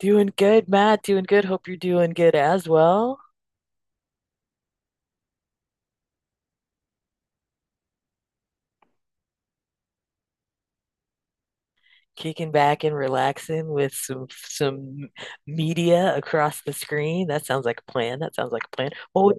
Doing good, Matt. Doing good. Hope you're doing good as well. Kicking back and relaxing with some media across the screen. That sounds like a plan. That sounds like a plan. What would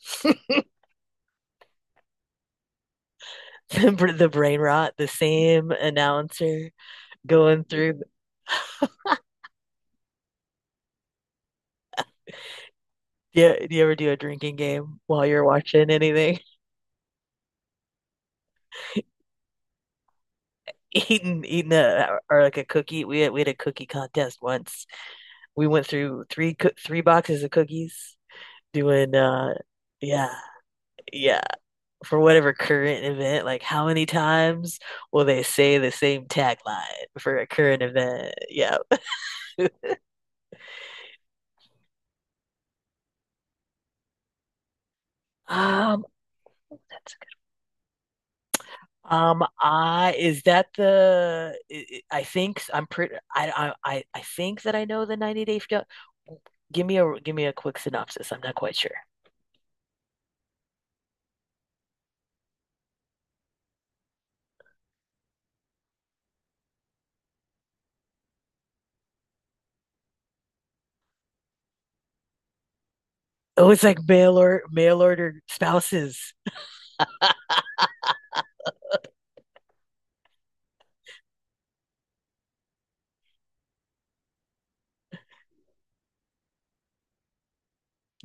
the brain rot, the same announcer going through. Yeah, do you ever do a drinking game while you're watching anything? Eating a or like a cookie. We had a cookie contest once. We went through three boxes of cookies. Doing yeah, yeah. For whatever current event, like how many times will they say the same tagline for a current event? Yeah. Um, that's good. I is that the I think I'm pretty I think that I know the 90 Day. Give me a quick synopsis. I'm not quite sure. Oh, it's like mail order spouses.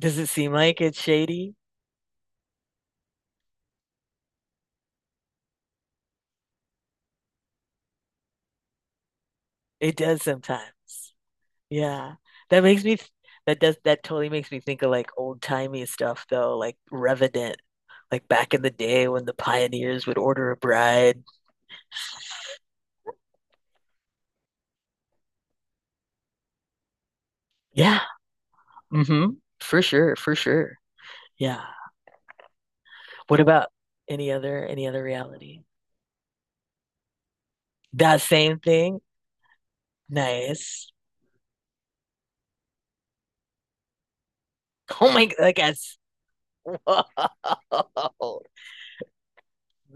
Does it seem like it's shady? It does sometimes. Yeah. That makes me th- that totally makes me think of like old timey stuff though, like Revenant, like back in the day when the pioneers would order a bride. Yeah. Mm-hmm. For sure, for sure. Yeah. What about any other reality? That same thing? Nice. Oh my, I guess. Whoa.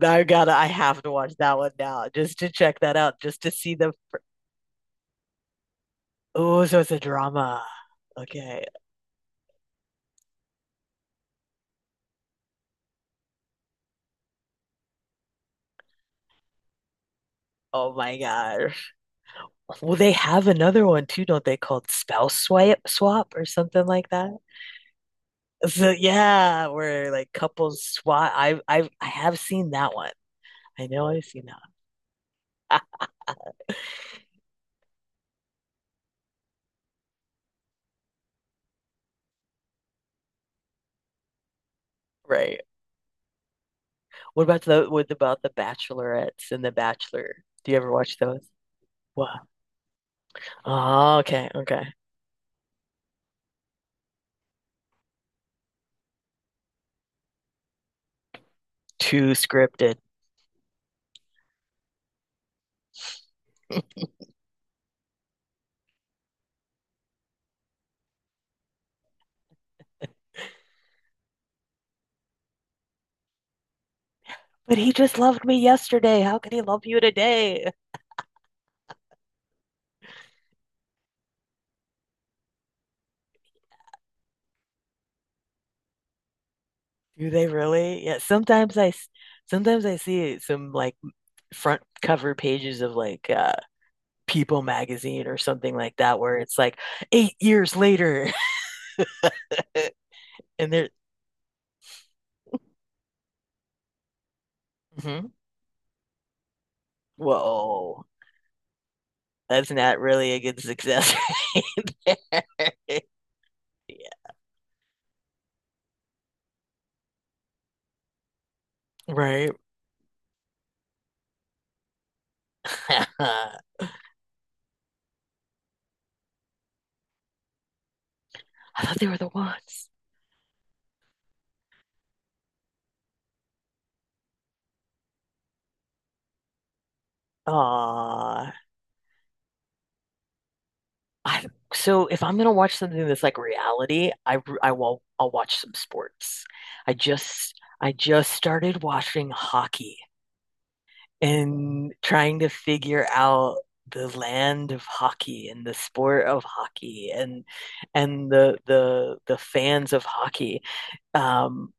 I have to watch that one now just to check that out, just to see the. Oh, so it's a drama. Okay. Oh my God. Well, they have another one too, don't they, called spouse swipe swap or something like that. So yeah, where like couples swap. I have seen that one. I know I've seen that one. Right. What about the Bachelorettes and the Bachelor? Do you ever watch those? Wow. Oh, okay. Too scripted. But he just loved me yesterday. How can he love you today? Do they really? Yeah, sometimes I see some like front cover pages of like People magazine or something like that, where it's like 8 years later, and they're. Mhm. Whoa, that's not really a good success, right. There. Yeah, right. I thought they were the ones. Aw. I, so if I'm gonna watch something that's like reality, I'll watch some sports. I just started watching hockey, and trying to figure out the land of hockey and the sport of hockey and the fans of hockey. Um,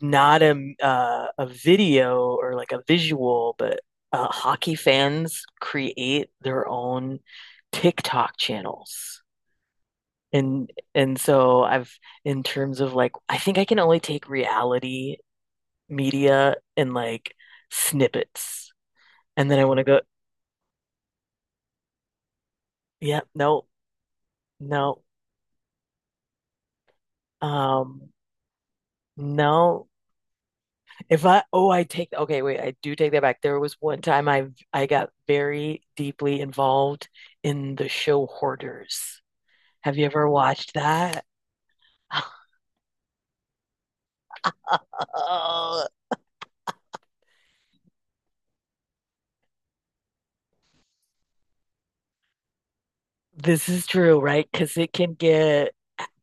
not a video or like a visual, but hockey fans create their own TikTok channels. And so I've, in terms of like I think I can only take reality media and like snippets. And then I want to go, yeah, no. No. Um, no. If I, oh, I take, okay, wait, I do take that back. There was one time I got very deeply involved in the show Hoarders. Have you ever watched that? Oh, this is true, right? Because it can get,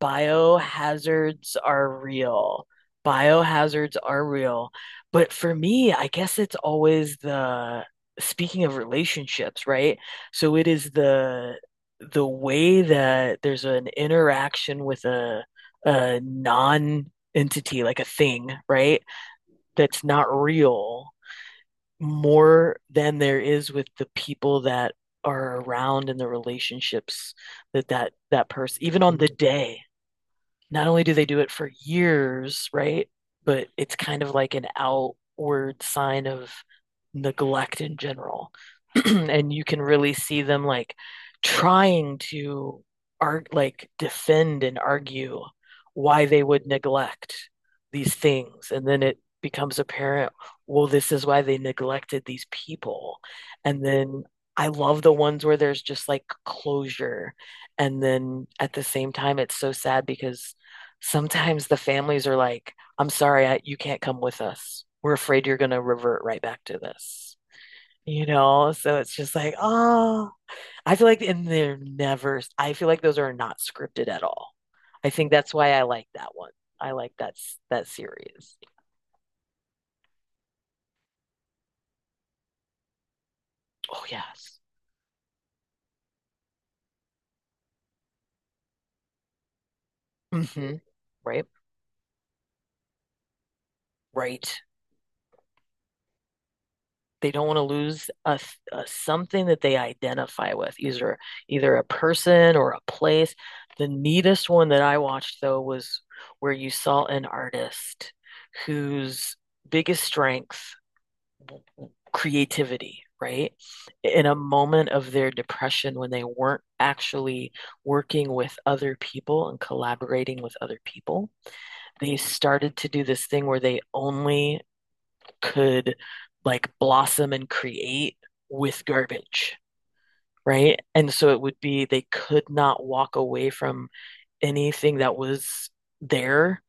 biohazards are real. Biohazards are real. But for me, I guess it's always the, speaking of relationships, right? So it is the way that there's an interaction with a non-entity, like a thing, right? That's not real more than there is with the people that are around and the relationships that person even on the day, not only do they do it for years, right? But it's kind of like an outward sign of neglect in general. And you can really see them like trying to art like defend and argue why they would neglect these things. And then it becomes apparent, well, this is why they neglected these people. And then I love the ones where there's just like closure. And then at the same time, it's so sad because sometimes the families are like, I'm sorry, I, you can't come with us. We're afraid you're going to revert right back to this. You know, so it's just like, oh, I feel like, and they're never, I feel like those are not scripted at all. I think that's why I like that one. I like that that series. Oh, yes. Mm-hmm. Right. Right. They don't want to lose a something that they identify with, either either a person or a place. The neatest one that I watched though was where you saw an artist whose biggest strength, creativity, right? In a moment of their depression when they weren't actually working with other people and collaborating with other people, they started to do this thing where they only could like blossom and create with garbage, right? And so it would be they could not walk away from anything that was there.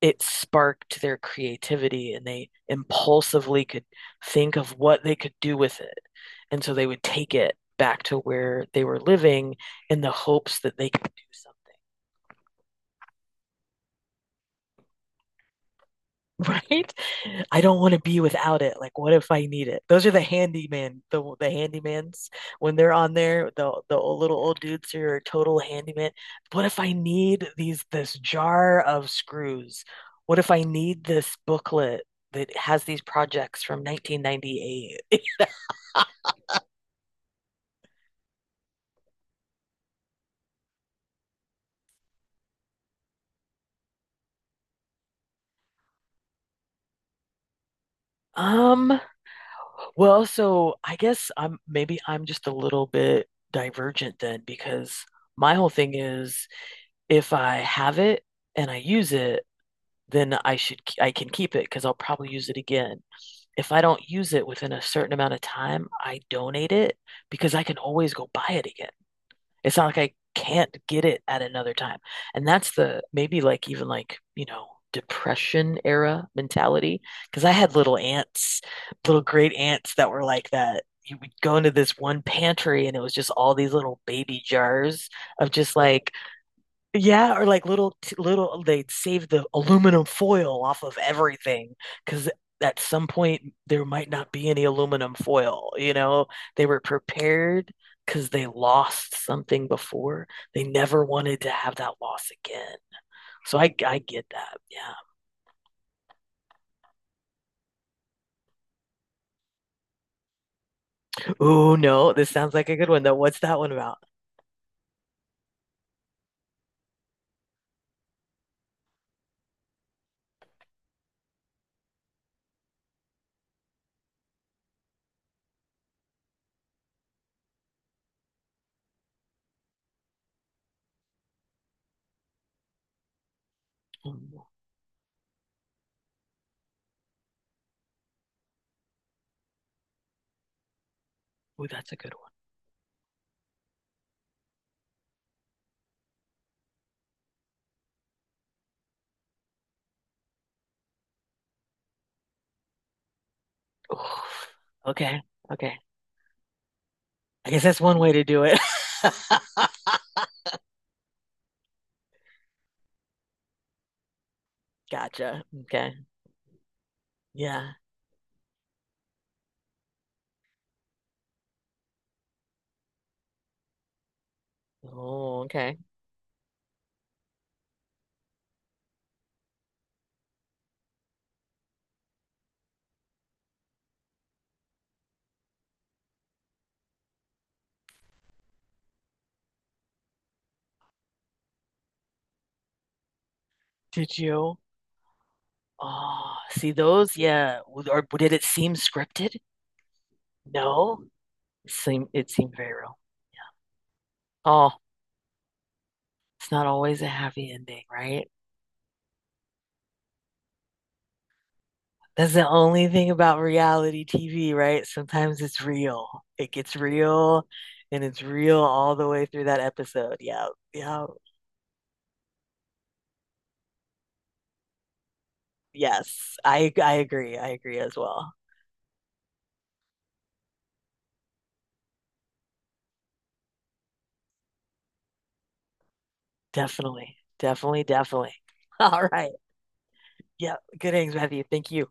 It sparked their creativity and they impulsively could think of what they could do with it. And so they would take it back to where they were living in the hopes that they could do something. Right? I don't want to be without it. Like, what if I need it? Those are the handyman, the handymans when they're on there, the old, little old dudes who are total handyman. What if I need these this jar of screws? What if I need this booklet that has these projects from 1998? Um, well, so I guess I'm, maybe I'm just a little bit divergent then because my whole thing is if I have it and I use it, then I can keep it because I'll probably use it again. If I don't use it within a certain amount of time, I donate it because I can always go buy it again. It's not like I can't get it at another time. And that's the, maybe like, even like, you know, depression era mentality, because I had little aunts, little great aunts that were like that. You would go into this one pantry and it was just all these little baby jars of just like, yeah, or like little they'd save the aluminum foil off of everything because at some point there might not be any aluminum foil, you know? They were prepared because they lost something before. They never wanted to have that loss again. So I get that. Yeah. Oh no, this sounds like a good one though. What's that one about? Ooh, ooh, that's a good one. Oof. Okay. Okay. I guess that's one way to do it. Gotcha. Okay. Yeah. Oh, okay. Did you? Oh, see those? Yeah. W- Or did it seem scripted? No. It seemed very real. Oh, it's not always a happy ending, right? That's the only thing about reality TV, right? Sometimes it's real. It gets real and it's real all the way through that episode. Yeah. Yeah. Yes. I agree. I agree as well. Definitely. Definitely, definitely. All right. Yeah. Good innings, Matthew. Thank you.